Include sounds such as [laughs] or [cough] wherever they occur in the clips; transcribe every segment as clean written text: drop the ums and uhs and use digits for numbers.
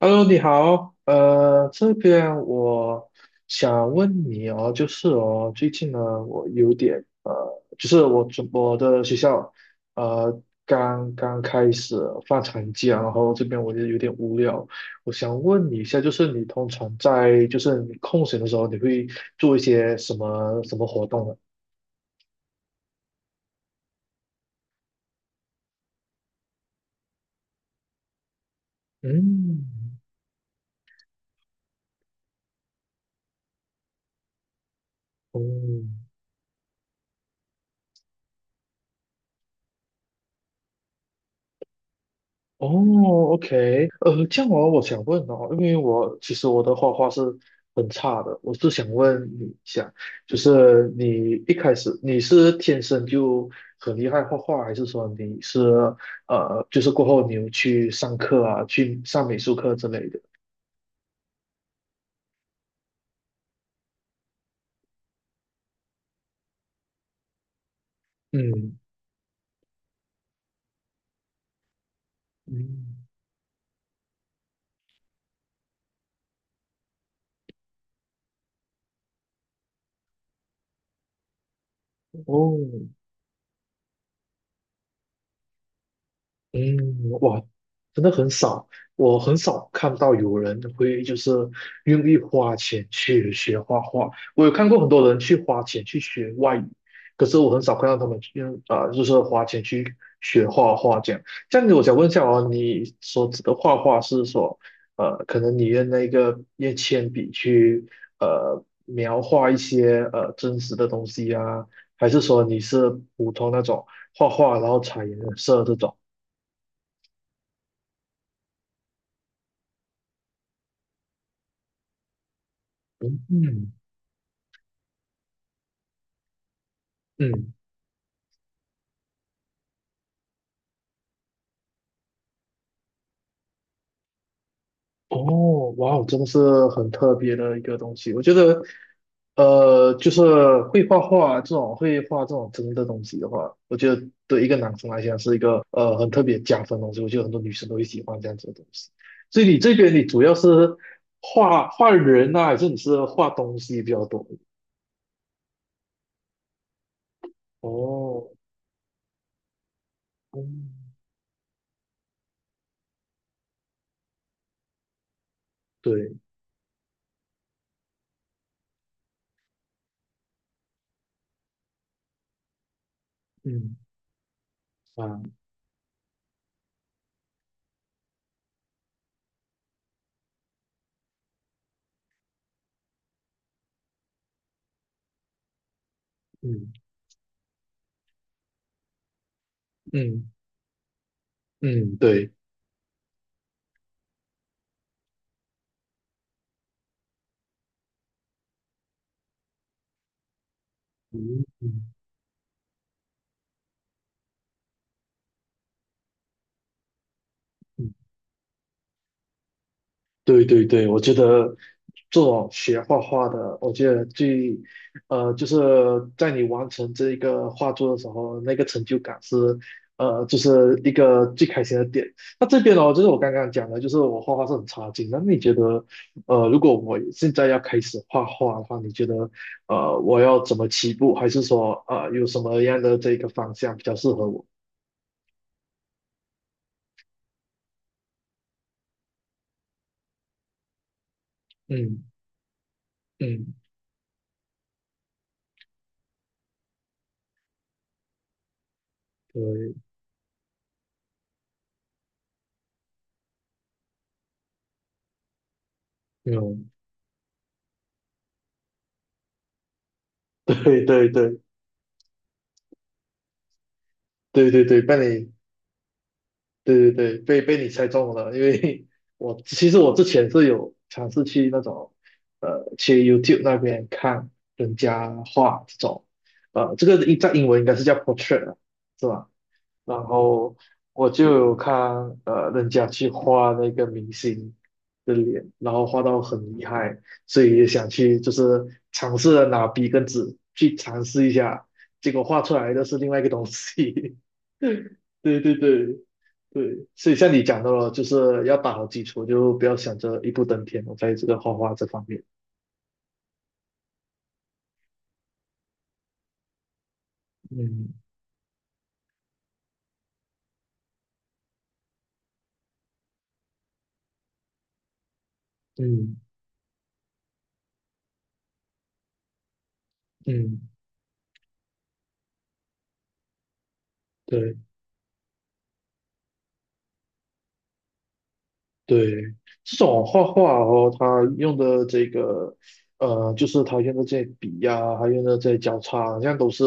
Hello，你好，这边我想问你哦，就是哦，最近呢，我有点就是我的学校呃刚刚开始放长假，然后这边我就有点无聊，我想问你一下，就是你通常在就是你空闲的时候，你会做一些什么什么活动呢？嗯，哦哦，OK，这样哦，我想问哦，因为我其实我的画画是很差的，我是想问你一下，就是你一开始你是天生就很厉害画画，还是说你是就是过后你有去上课啊，去上美术课之类的？嗯嗯，哦嗯，哇，真的很少，我很少看到有人会就是愿意花钱去学画画。我有看过很多人去花钱去学外语，可是我很少看到他们去啊、就是花钱去学画画这样。这样子，我想问一下哦，你所指的画画是说，可能你用那个用铅笔去描画一些真实的东西啊，还是说你是普通那种画画然后彩颜色这种？嗯嗯，哦，哇哦，真的是很特别的一个东西。我觉得，就是会画画这种会画这种真的东西的话，我觉得对一个男生来讲是一个很特别加分的东西。我觉得很多女生都会喜欢这样子的东西。所以你这边你主要是画画人啊，还是你是画东西比较多？哦，嗯，对，嗯啊，嗯嗯嗯，对，嗯嗯嗯。对对对，我觉得做种学画画的，我觉得最，就是在你完成这一个画作的时候，那个成就感是，就是一个最开心的点。那这边呢，就是我刚刚讲的，就是我画画是很差劲。那你觉得，如果我现在要开始画画的话，你觉得，我要怎么起步，还是说，有什么样的这个方向比较适合我？嗯嗯，对，嗯，[laughs] 对对对对对对，被你。对对对，被你猜中了，因为 [laughs] 我其实我之前是有尝试去那种，去 YouTube 那边看人家画这种，这个一在英文应该是叫 portrait 啊是吧？然后我就有看人家去画那个明星的脸，然后画到很厉害，所以也想去就是尝试着拿笔跟纸去尝试一下，结果画出来的是另外一个东西。[laughs] 对对对对，所以像你讲到了，就是要打好基础，就不要想着一步登天。我在这个画画这方面，嗯嗯嗯，对。对，这种画画哦，他用的这个，就是他用的这些笔呀、还用的这些交叉，好像都是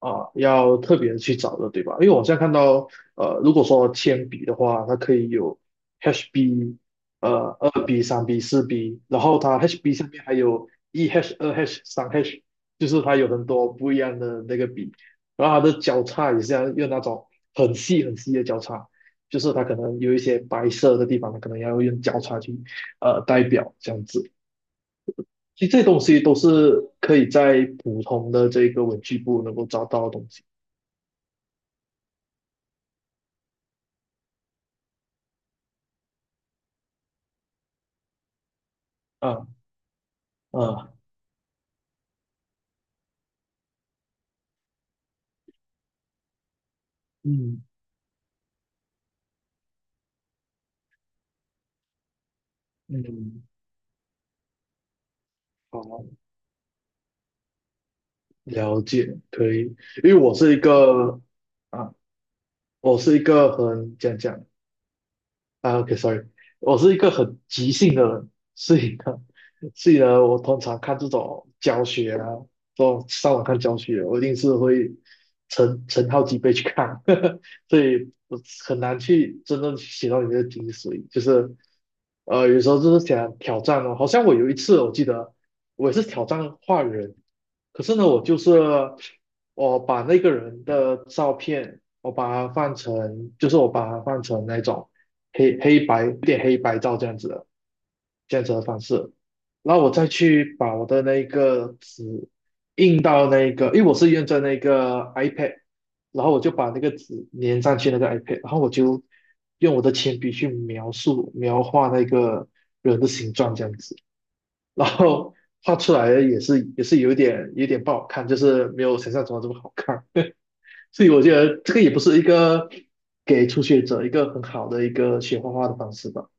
啊、要特别去找的，对吧？因为我现在看到，如果说铅笔的话，它可以有 HB，2B、3B、4B，然后它 HB 下面还有1H、2H、3H，就是它有很多不一样的那个笔，然后它的交叉也是要用那种很细很细的交叉。就是它可能有一些白色的地方，它可能要用交叉去代表这样子。其实这些东西都是可以在普通的这个文具部能够找到的东西啊啊，嗯嗯，好，了解，可以，因为我是一个啊，我是一个很讲讲啊，OK，sorry，我是一个很急性的人，所以呢，我通常看这种教学啊，这种上网看教学，我一定是会成好几倍去看，[laughs] 所以我很难去真正写到里面的精髓，就是有时候就是想挑战哦，好像我有一次我记得我也是挑战画人，可是呢，我就是我把那个人的照片，我把它放成，就是我把它放成那种。黑黑白有点黑白照这样子的方式，然后我再去把我的那个纸印到那个，因为我是用着那个 iPad，然后我就把那个纸粘上去那个 iPad，然后我就用我的铅笔去描画那个人的形状这样子，然后画出来的也是有点不好看，就是没有想象中的这么好看。[laughs] 所以我觉得这个也不是一个给初学者一个很好的一个学画画的方式吧。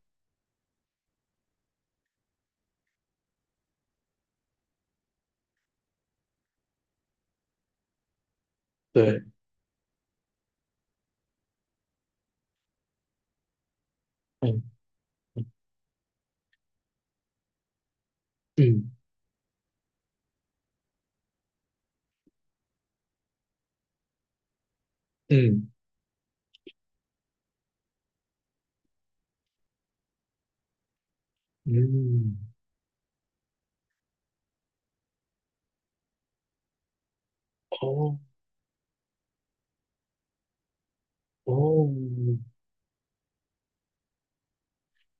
对，嗯嗯嗯嗯，哦哦，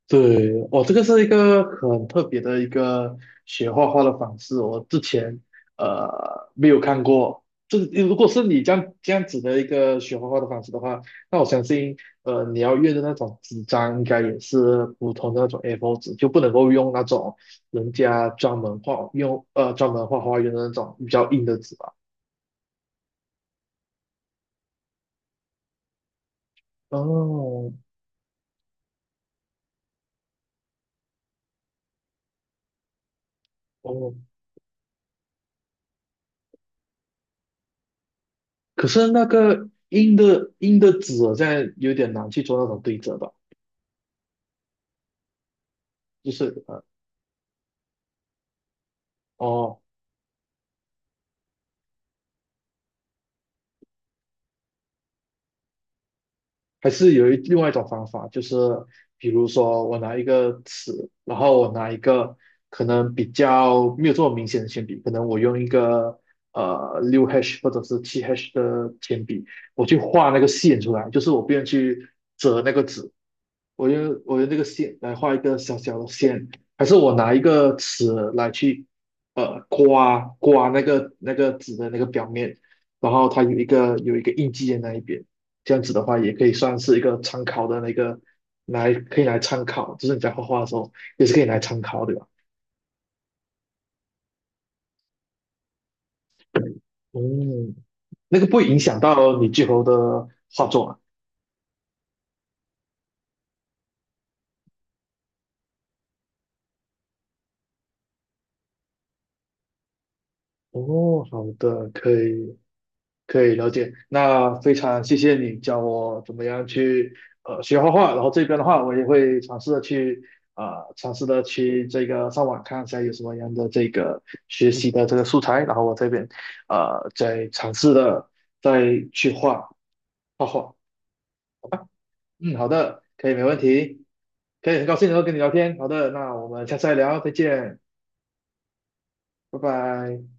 对，哦，这个是一个很特别的一个学画画的方式，我之前没有看过。这如果是你这样子的一个学画画的方式的话，那我相信你要用的那种纸张应该也是普通的那种 A4 纸，就不能够用那种人家专门画用专门画画用的那种比较硬的纸吧。哦哦可是那个硬的纸在有点难去做那种对折吧，就是哦，还是有另外一种方法，就是比如说我拿一个尺，然后我拿一个可能比较没有这么明显的铅笔，可能我用一个六 hash 或者是7H 的铅笔，我去画那个线出来，就是我不用去折那个纸，我用这个线来画一个小小的线，还是我拿一个尺来去刮刮那个纸的那个表面，然后它有一个印记在那一边。这样子的话，也可以算是一个参考的那个，来可以来参考，就是你在画画的时候也是可以来参考，对吧？嗯，那个不会影响到你最后的画作啊。哦，好的，可以可以了解。那非常谢谢你教我怎么样去学画画，然后这边的话我也会尝试的去这个上网看一下有什么样的这个学习的这个素材，然后我这边再尝试的再去画。好嗯，好的，可以，没问题，可以，很高兴能够跟你聊天。好的，那我们下次再聊，再见，拜拜。